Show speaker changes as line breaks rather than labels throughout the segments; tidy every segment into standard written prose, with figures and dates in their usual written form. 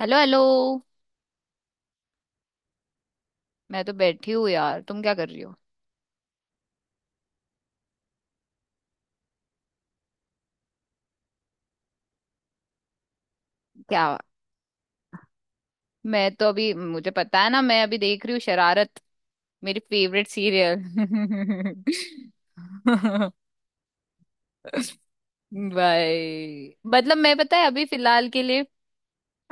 Hello hello. मैं तो बैठी हूँ यार, तुम क्या कर रही हो? क्या? मैं तो अभी, मुझे पता है ना, मैं अभी देख रही हूँ शरारत मेरी फेवरेट सीरियल। भाई मतलब, मैं, पता है, अभी फिलहाल के लिए,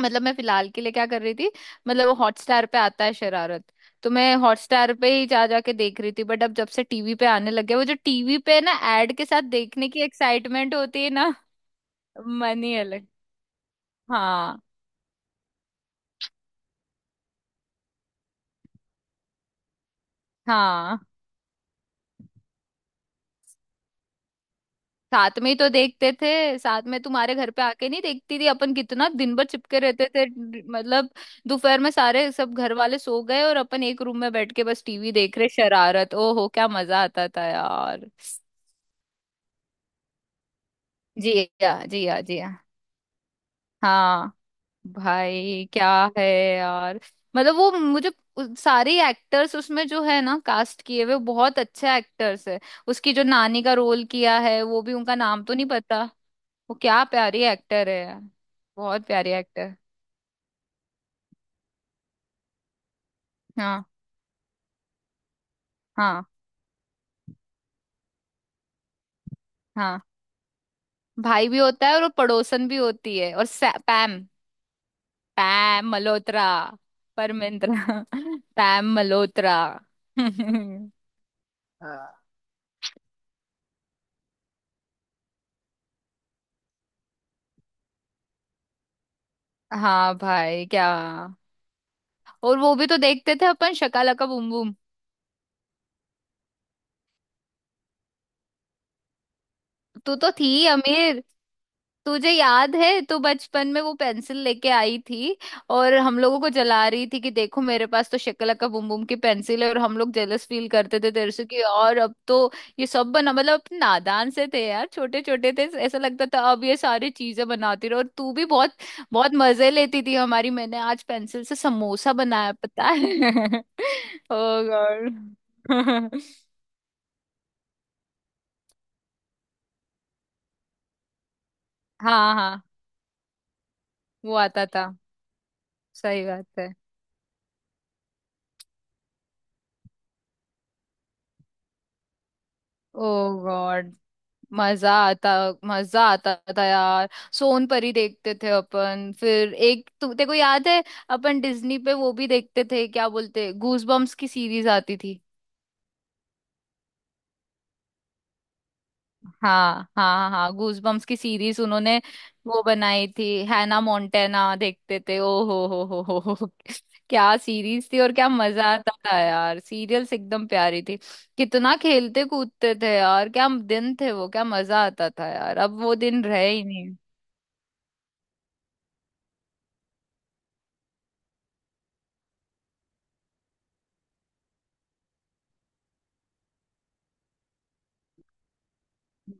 मतलब मैं फिलहाल के लिए क्या कर रही थी, मतलब वो हॉटस्टार पे आता है शरारत, तो मैं हॉटस्टार पे ही जा जा के देख रही थी। बट अब जब से टीवी पे आने लग गया वो, जो टीवी पे ना एड के साथ देखने की एक्साइटमेंट होती है ना। मन ही अलग। हाँ हाँ। साथ में ही तो देखते थे, साथ में तुम्हारे घर पे आके नहीं देखती थी अपन? कितना दिन भर चिपके रहते थे। मतलब दोपहर में सारे सब घर वाले सो गए और अपन एक रूम में बैठ के बस टीवी देख रहे शरारत, ओहो क्या मजा आता था यार। जी हाँ जी हाँ जी हाँ हाँ, भाई क्या है यार। मतलब वो मुझे, सारे एक्टर्स उसमें जो है ना कास्ट किए हुए, बहुत अच्छे एक्टर्स है। उसकी जो नानी का रोल किया है वो भी, उनका नाम तो नहीं पता। वो क्या प्यारी एक्टर है यार, बहुत प्यारी एक्टर। हाँ हाँ हाँ, भाई भी होता है और वो पड़ोसन भी होती है, और पैम, पैम मल्होत्रा, परमिंद्रा। पैम मल्होत्रा। हाँ भाई क्या। और वो भी तो देखते थे अपन शकालका बूम बूम। तू तो थी अमीर। तुझे याद है तो, बचपन में वो पेंसिल लेके आई थी और हम लोगों को जला रही थी कि देखो मेरे पास तो शक्लका बुम बुम की पेंसिल है, और हम लोग जेलस फील करते थे तेरे से कि। और अब तो ये सब बना, मतलब अपने नादान से थे यार, छोटे छोटे थे, ऐसा लगता था अब ये सारी चीजें बनाती रहो। और तू भी बहुत बहुत मजे लेती थी हमारी, मैंने आज पेंसिल से समोसा बनाया पता है। ओ गॉड। हाँ हाँ, वो आता था, सही बात है। ओ गॉड, मजा आता, मजा आता था यार। सोनपरी देखते थे अपन, फिर एक तेरे को याद है अपन डिज्नी पे वो भी देखते थे, क्या बोलते, गूज बम्स की सीरीज आती थी। हाँ हाँ हाँ, गूज बम्स की सीरीज उन्होंने वो बनाई थी। हैना मोंटेना देखते थे, ओ हो, क्या सीरीज थी, और क्या मजा आता था यार। सीरियल्स एकदम प्यारी थी, कितना खेलते कूदते थे यार, क्या दिन थे वो, क्या मजा आता था यार, अब वो दिन रहे ही।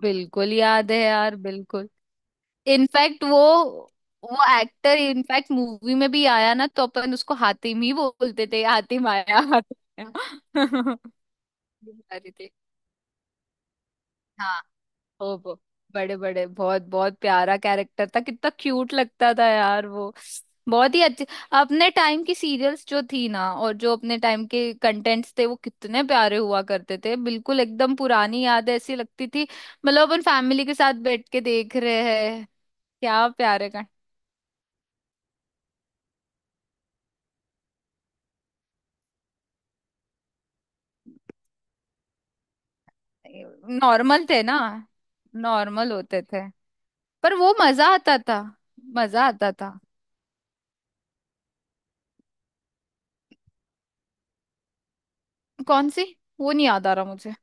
बिल्कुल याद है यार, बिल्कुल। इनफैक्ट वो एक्टर इनफैक्ट मूवी में भी आया ना, तो अपन उसको हातिम ही बोलते थे, हातिम आया हातिम आया। ये सारी थी। हाँ। ओ, बड़े बड़े, बहुत बहुत प्यारा कैरेक्टर था, कितना क्यूट लगता था यार वो, बहुत ही अच्छे। अपने टाइम की सीरियल्स जो थी ना और जो अपने टाइम के कंटेंट्स थे वो कितने प्यारे हुआ करते थे, बिल्कुल एकदम पुरानी याद ऐसी लगती थी, मतलब अपन फैमिली के साथ बैठ के देख रहे हैं। क्या प्यारे का। नॉर्मल थे ना, नॉर्मल होते थे, पर वो मजा आता था, मजा आता था। कौन सी? वो नहीं याद आ रहा मुझे।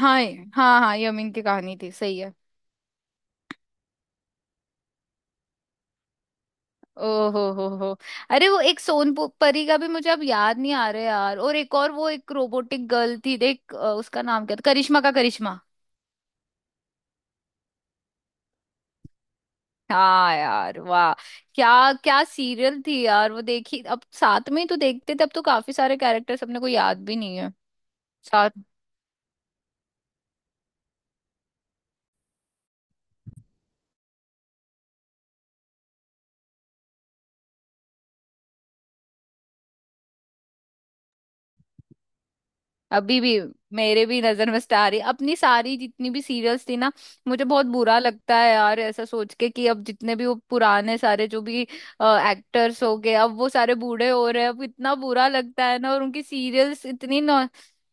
हाँ हाँ हाँ, यमीन की कहानी थी, सही है। ओहो हो, अरे वो एक सोनपरी का भी मुझे अब याद नहीं आ रहा है यार, और एक और वो एक रोबोटिक गर्ल थी, देख, उसका नाम क्या था, करिश्मा का करिश्मा। हाँ यार वाह, क्या क्या सीरियल थी यार, वो देखी, अब साथ में ही तो देखते थे, अब तो काफी सारे कैरेक्टर्स अपने को याद भी नहीं है। साथ। अभी भी मेरे भी नजर में स्टार ही, अपनी सारी जितनी भी सीरियल्स थी ना। मुझे बहुत बुरा लगता है यार, ऐसा सोच के कि अब जितने भी वो पुराने सारे, जो भी एक्टर्स हो गए, अब वो सारे बूढ़े हो रहे हैं, अब इतना बुरा लगता है ना, और उनकी सीरियल्स इतनी नॉ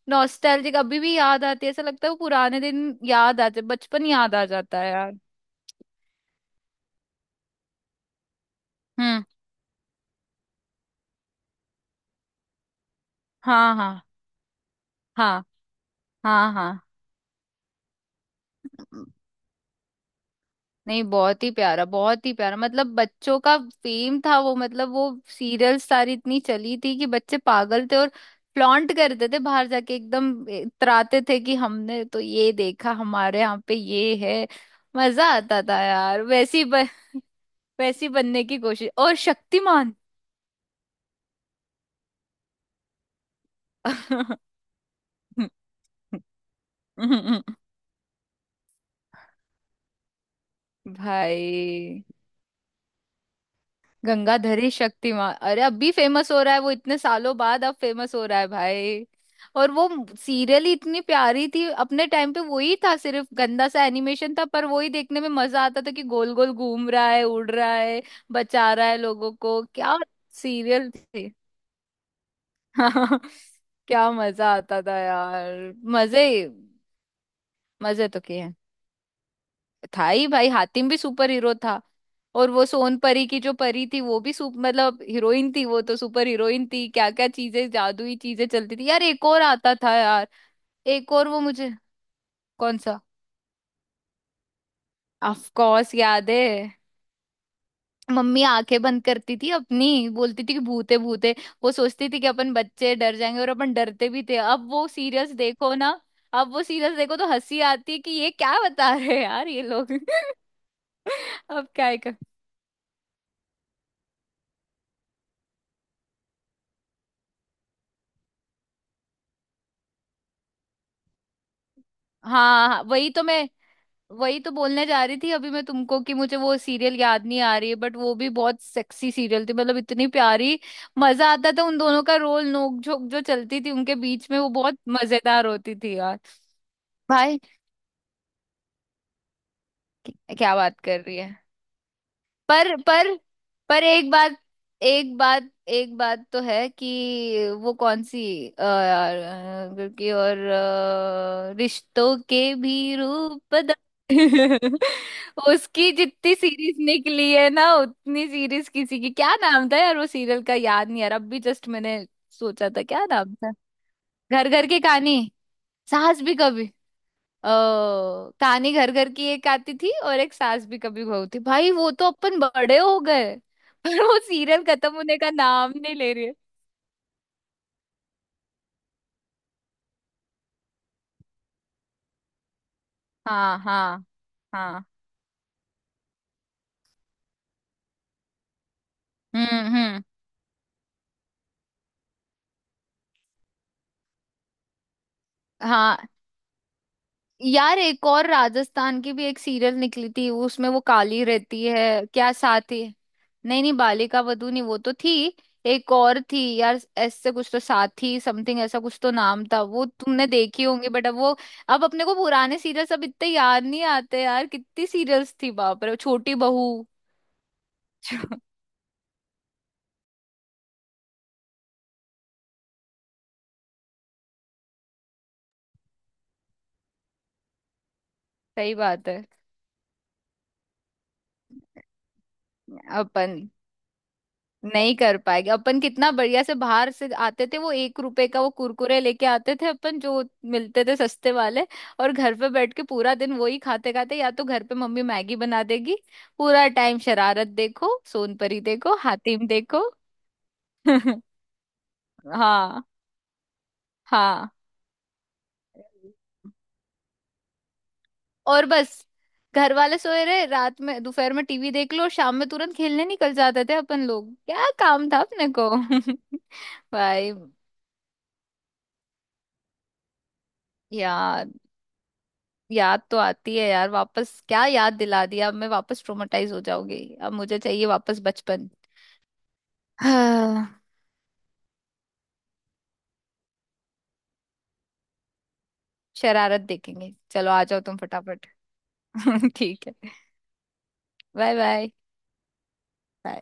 नॉस्टैल्जिक अभी भी याद आती है, ऐसा लगता है वो पुराने दिन याद आते, बचपन याद आ जाता है यार। हम्म, हाँ हाँ हाँ, हाँ हाँ। नहीं, बहुत ही प्यारा, बहुत ही प्यारा, मतलब बच्चों का फेम था वो, मतलब वो सीरियल सारी इतनी चली थी कि बच्चे पागल थे, और फ्लॉन्ट करते थे, बाहर जाके एकदम इतराते थे कि हमने तो ये देखा, हमारे यहाँ पे ये है। मजा आता था यार, वैसी बनने की कोशिश, और शक्तिमान। भाई, गंगाधरी शक्तिमान, अरे अब भी फेमस हो रहा है वो, इतने सालों बाद अब फेमस हो रहा है भाई। और वो सीरियल ही इतनी प्यारी थी अपने टाइम पे, वही था सिर्फ, गंदा सा एनिमेशन था, पर वही देखने में मजा आता था कि गोल गोल घूम रहा है, उड़ रहा है, बचा रहा है लोगों को, क्या सीरियल थी। क्या मजा आता था यार, मजे तो किए, था ही भाई, हातिम भी सुपर हीरो था। और वो सोन परी की जो परी थी वो भी सुप मतलब हीरोइन थी वो, तो सुपर हीरोइन थी, क्या क्या चीजें, जादुई चीजें चलती थी यार, एक और आता था यार, एक और वो मुझे, कौन सा? ऑफ कोर्स याद है। मम्मी आंखें बंद करती थी अपनी, बोलती थी कि भूते भूते, वो सोचती थी कि अपन बच्चे डर जाएंगे और अपन डरते भी थे, अब वो सीरियस देखो ना, अब वो सीरियस देखो तो हंसी आती है कि ये क्या बता रहे हैं यार ये लोग। अब क्या है कर... हाँ हाँ, हाँ, वही तो मैं, वही तो बोलने जा रही थी अभी मैं तुमको कि मुझे वो सीरियल याद नहीं आ रही है, बट वो भी बहुत सेक्सी सीरियल थी, मतलब इतनी प्यारी, मजा आता था उन दोनों का रोल, नोक झोंक जो चलती थी उनके बीच में, वो बहुत मजेदार होती थी यार। भाई क्या बात कर रही है। पर पर पर एक बात, एक बात, एक बात तो है कि, वो कौन सी, यार क्योंकि और रिश्तों के भी रूप बदल। उसकी जितनी सीरीज निकली है ना उतनी सीरीज किसी की, क्या नाम था यार वो सीरियल का, याद नहीं यार अब भी, जस्ट मैंने सोचा था क्या नाम था। घर घर की कहानी, सास भी कभी, ओ, कहानी घर घर की एक आती थी और एक सास भी कभी बहू थी, भाई वो तो अपन बड़े हो गए, पर वो सीरियल खत्म होने का नाम नहीं ले रही है। हाँ हाँ हाँ, हम्म, हाँ यार एक और राजस्थान की भी एक सीरियल निकली थी उसमें वो काली रहती है, क्या साथी? नहीं नहीं, बालिका वधू नहीं वो तो थी, एक और थी यार ऐसे कुछ तो, साथी समथिंग ऐसा कुछ तो नाम था, वो तुमने देखी होंगी, बट अब वो, अब अपने को पुराने सीरियल सब इतने याद नहीं आते यार, कितनी सीरियल्स थी बाप रे, छोटी बहू। सही बात है। अपन नहीं कर पाएंगे, अपन कितना बढ़िया से बाहर से आते थे, वो एक रुपए का वो कुरकुरे लेके आते थे अपन, जो मिलते थे सस्ते वाले। और घर पे बैठ के पूरा दिन वही खाते खाते, या तो घर पे मम्मी मैगी बना देगी, पूरा टाइम शरारत देखो, सोनपरी देखो, हातिम देखो। हाँ हाँ। और बस घर वाले सोए रहे रात में, दोपहर में टीवी देख लो, शाम में तुरंत खेलने निकल जाते थे अपन लोग, क्या काम था अपने को। भाई, यार याद तो आती है यार वापस, क्या याद दिला दिया, अब मैं वापस ट्रोमेटाइज हो जाऊंगी, अब मुझे चाहिए वापस बचपन। हाँ शरारत देखेंगे, चलो आ जाओ तुम फटाफट। ठीक है। Bye bye.